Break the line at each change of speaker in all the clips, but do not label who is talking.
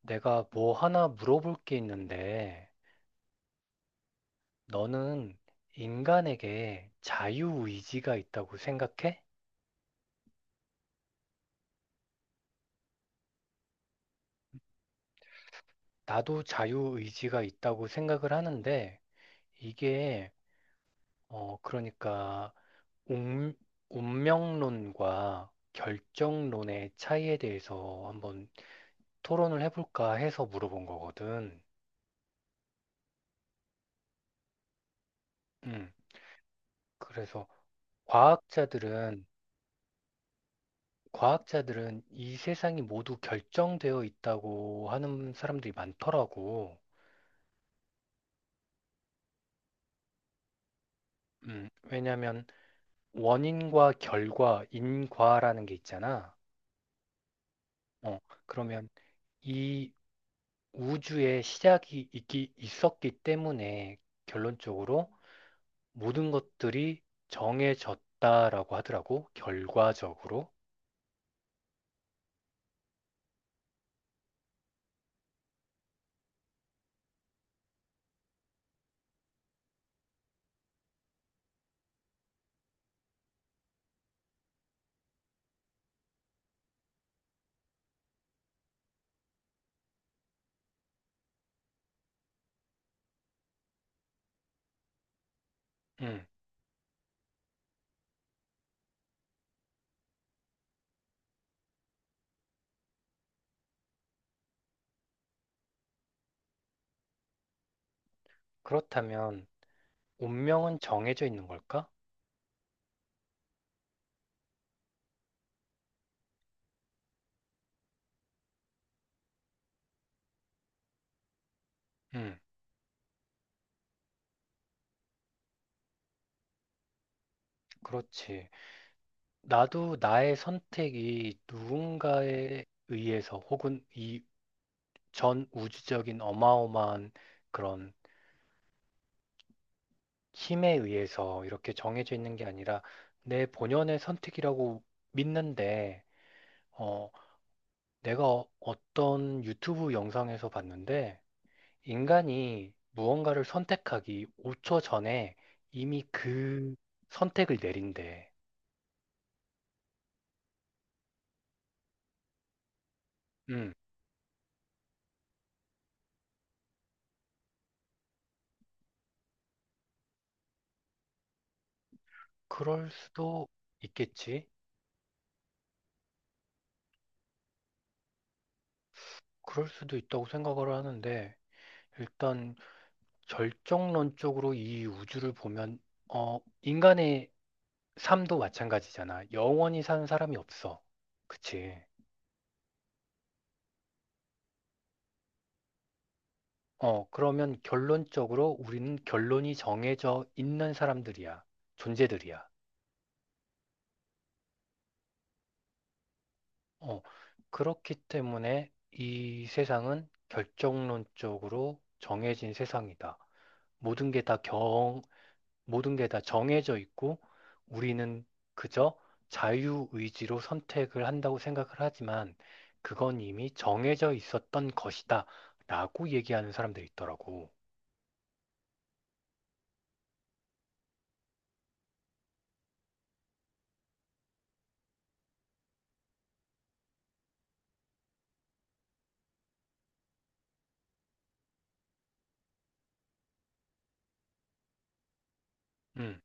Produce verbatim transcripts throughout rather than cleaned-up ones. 내가 뭐 하나 물어볼 게 있는데, 너는 인간에게 자유의지가 있다고 생각해? 나도 자유의지가 있다고 생각을 하는데, 이게, 어, 그러니까, 운, 운명론과 결정론의 차이에 대해서 한번 토론을 해볼까 해서 물어본 거거든. 음, 그래서 과학자들은 과학자들은 이 세상이 모두 결정되어 있다고 하는 사람들이 많더라고. 음, 왜냐하면 원인과 결과, 인과라는 게 있잖아. 어, 그러면 이 우주의 시작이 있기, 있었기 때문에 결론적으로 모든 것들이 정해졌다라고 하더라고. 결과적으로. 음, 그렇다면 운명은 정해져 있는 걸까? 음, 그렇지. 나도 나의 선택이 누군가에 의해서 혹은 이 전 우주적인 어마어마한 그런 힘에 의해서 이렇게 정해져 있는 게 아니라 내 본연의 선택이라고 믿는데, 어, 내가 어- 어떤 유튜브 영상에서 봤는데, 인간이 무언가를 선택하기 오 초 전에 이미 그 선택을 내린대. 음, 그럴 수도 있겠지. 그럴 수도 있다고 생각을 하는데, 일단 절정론적으로 이 우주를 보면 어 인간의 삶도 마찬가지잖아. 영원히 사는 사람이 없어. 그치? 어 그러면 결론적으로 우리는 결론이 정해져 있는 사람들이야. 존재들이야. 어 그렇기 때문에 이 세상은 결정론적으로 정해진 세상이다. 모든 게다 모든 게 다 정해져 있고 우리는 그저 자유의지로 선택을 한다고 생각을 하지만 그건 이미 정해져 있었던 것이다 라고 얘기하는 사람들이 있더라고. 음,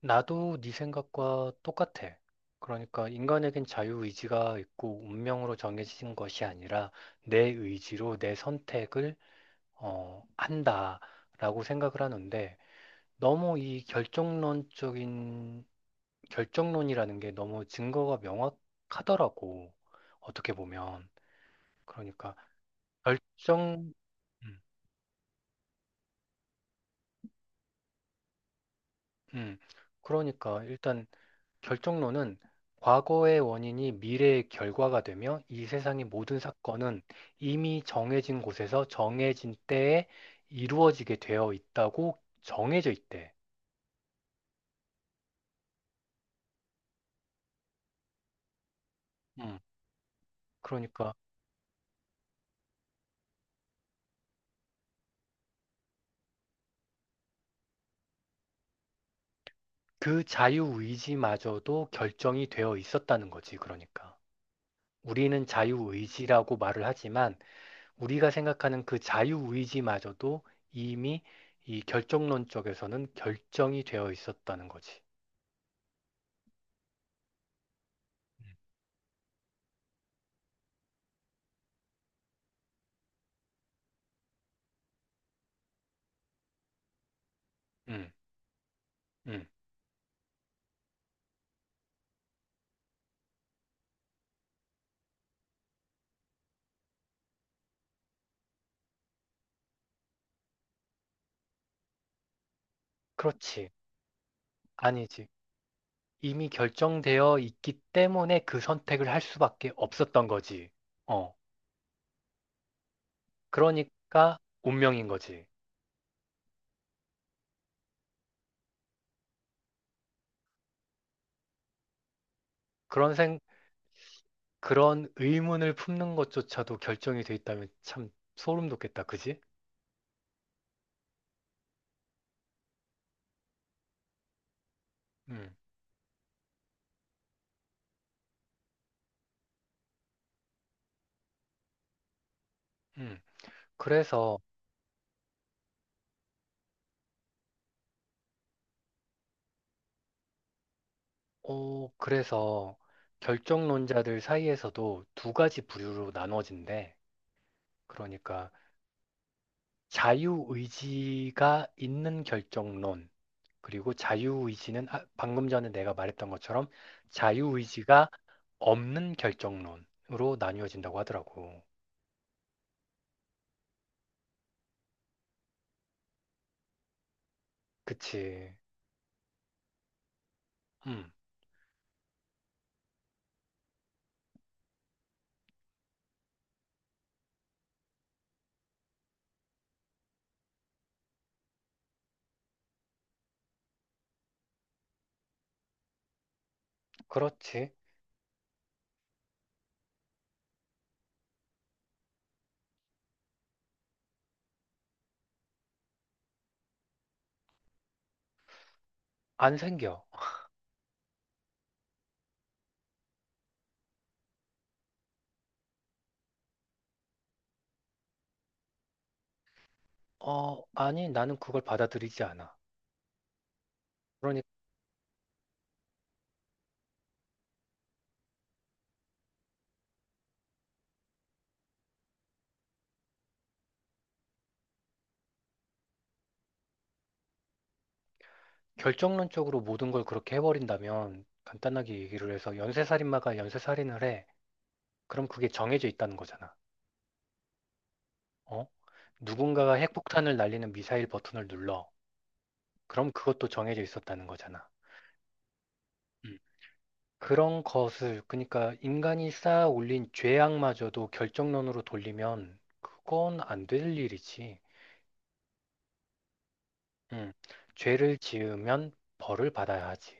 나도 네 생각과 똑같아. 그러니까 인간에겐 자유의지가 있고 운명으로 정해진 것이 아니라 내 의지로 내 선택을 어, 한다라고 생각을 하는데 너무 이 결정론적인 결정론이라는 게 너무 증거가 명확하더라고. 어떻게 보면. 그러니까 결정, 음, 음. 그러니까 일단 결정론은 과거의 원인이 미래의 결과가 되며 이 세상의 모든 사건은 이미 정해진 곳에서 정해진 때에 이루어지게 되어 있다고 정해져 있대. 음. 그러니까 그 자유의지마저도 결정이 되어 있었다는 거지. 그러니까. 우리는 자유의지라고 말을 하지만 우리가 생각하는 그 자유의지마저도 이미 이 결정론 쪽에서는 결정이 되어 있었다는 거지. 음, 음. 그렇지. 아니지. 이미 결정되어 있기 때문에 그 선택을 할 수밖에 없었던 거지. 어. 그러니까 운명인 거지. 그런 생, 그런 의문을 품는 것조차도 결정이 돼 있다면 참 소름 돋겠다. 그지? 음, 음. 그래서 어, 그래서 결정론자들 사이에서도 두 가지 부류로 나눠진대. 그러니까 자유의지가 있는 결정론, 그리고 자유의지는 아, 방금 전에 내가 말했던 것처럼 자유의지가 없는 결정론으로 나뉘어진다고 하더라고. 그치. 음, 그렇지. 안 생겨. 어, 아니, 나는 그걸 받아들이지 않아. 그러니까 결정론적으로 모든 걸 그렇게 해버린다면 간단하게 얘기를 해서 연쇄살인마가 연쇄살인을 해. 그럼 그게 정해져 있다는 거잖아. 어? 누군가가 핵폭탄을 날리는 미사일 버튼을 눌러. 그럼 그것도 정해져 있었다는 거잖아. 음. 그런 것을, 그러니까 인간이 쌓아 올린 죄악마저도 결정론으로 돌리면 그건 안 될 일이지. 음. 죄를 지으면 벌을 받아야 하지.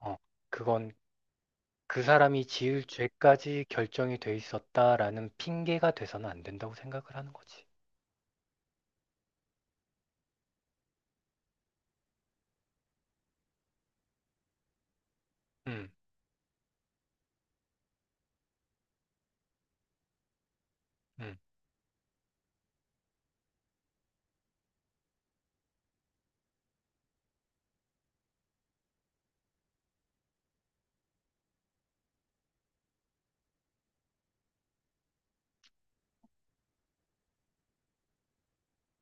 어. 그건. 그 사람이 지을 죄까지 결정이 돼 있었다라는 핑계가 돼서는 안 된다고 생각을 하는 거지. 음, 음,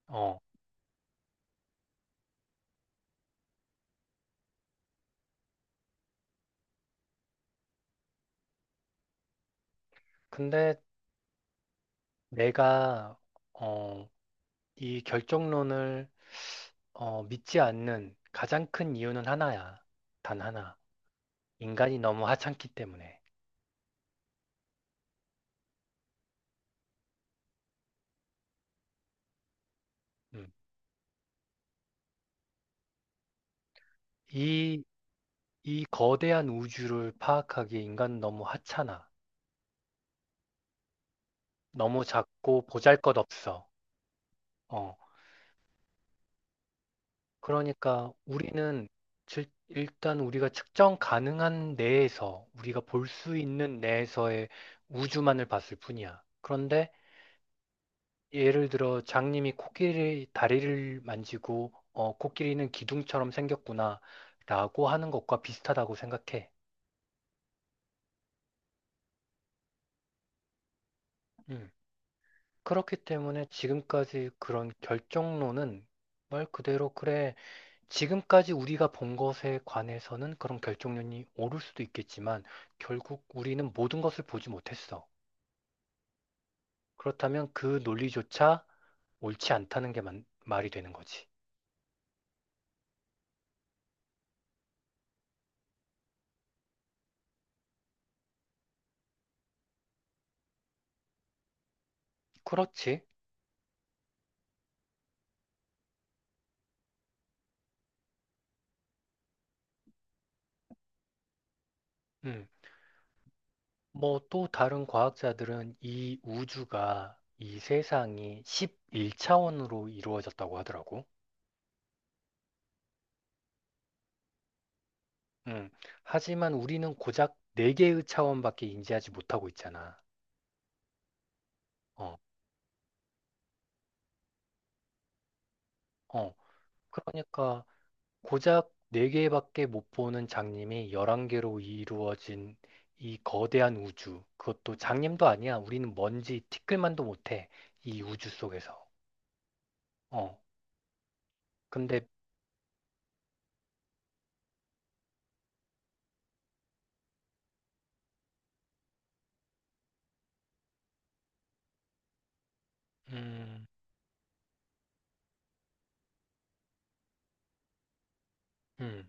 어, 근데 내가, 어, 이 결정론을, 어, 믿지 않는 가장 큰 이유는 하나야. 단 하나. 인간이 너무 하찮기 때문에. 음, 이, 이 거대한 우주를 파악하기에 인간은 너무 하찮아. 너무 작고 보잘것없어. 어, 그러니까 우리는 질- 일단 우리가 측정 가능한 내에서 우리가 볼 수 있는 내에서의 우주만을 봤을 뿐이야. 그런데 예를 들어 장님이 코끼리 다리를 만지고 어, 코끼리는 기둥처럼 생겼구나라고 하는 것과 비슷하다고 생각해. 음. 그렇기 때문에 지금까지 그런 결정론은 말 그대로 그래. 지금까지 우리가 본 것에 관해서는 그런 결정론이 옳을 수도 있겠지만 결국 우리는 모든 것을 보지 못했어. 그렇다면 그 논리조차 옳지 않다는 게 만- 말이 되는 거지. 그렇지. 음. 뭐 또 다른 과학자들은 이 우주가 이 세상이 십일 차원으로 이루어졌다고 하더라고. 음. 하지만 우리는 고작 네 개의 차원밖에 인지하지 못하고 있잖아. 어, 어. 그러니까 고작 네 개밖에 못 보는 장님이 열한 개로 이루어진 이 거대한 우주. 그것도 장님도 아니야. 우리는 먼지 티끌만도 못해. 이 우주 속에서. 어. 근데 음, 음.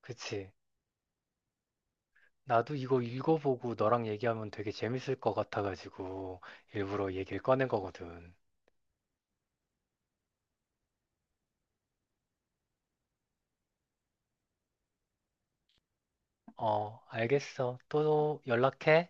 그치. 나도 이거 읽어보고 너랑 얘기하면 되게 재밌을 것 같아가지고 일부러 얘기를 꺼낸 거거든. 어, 알겠어. 또 연락해.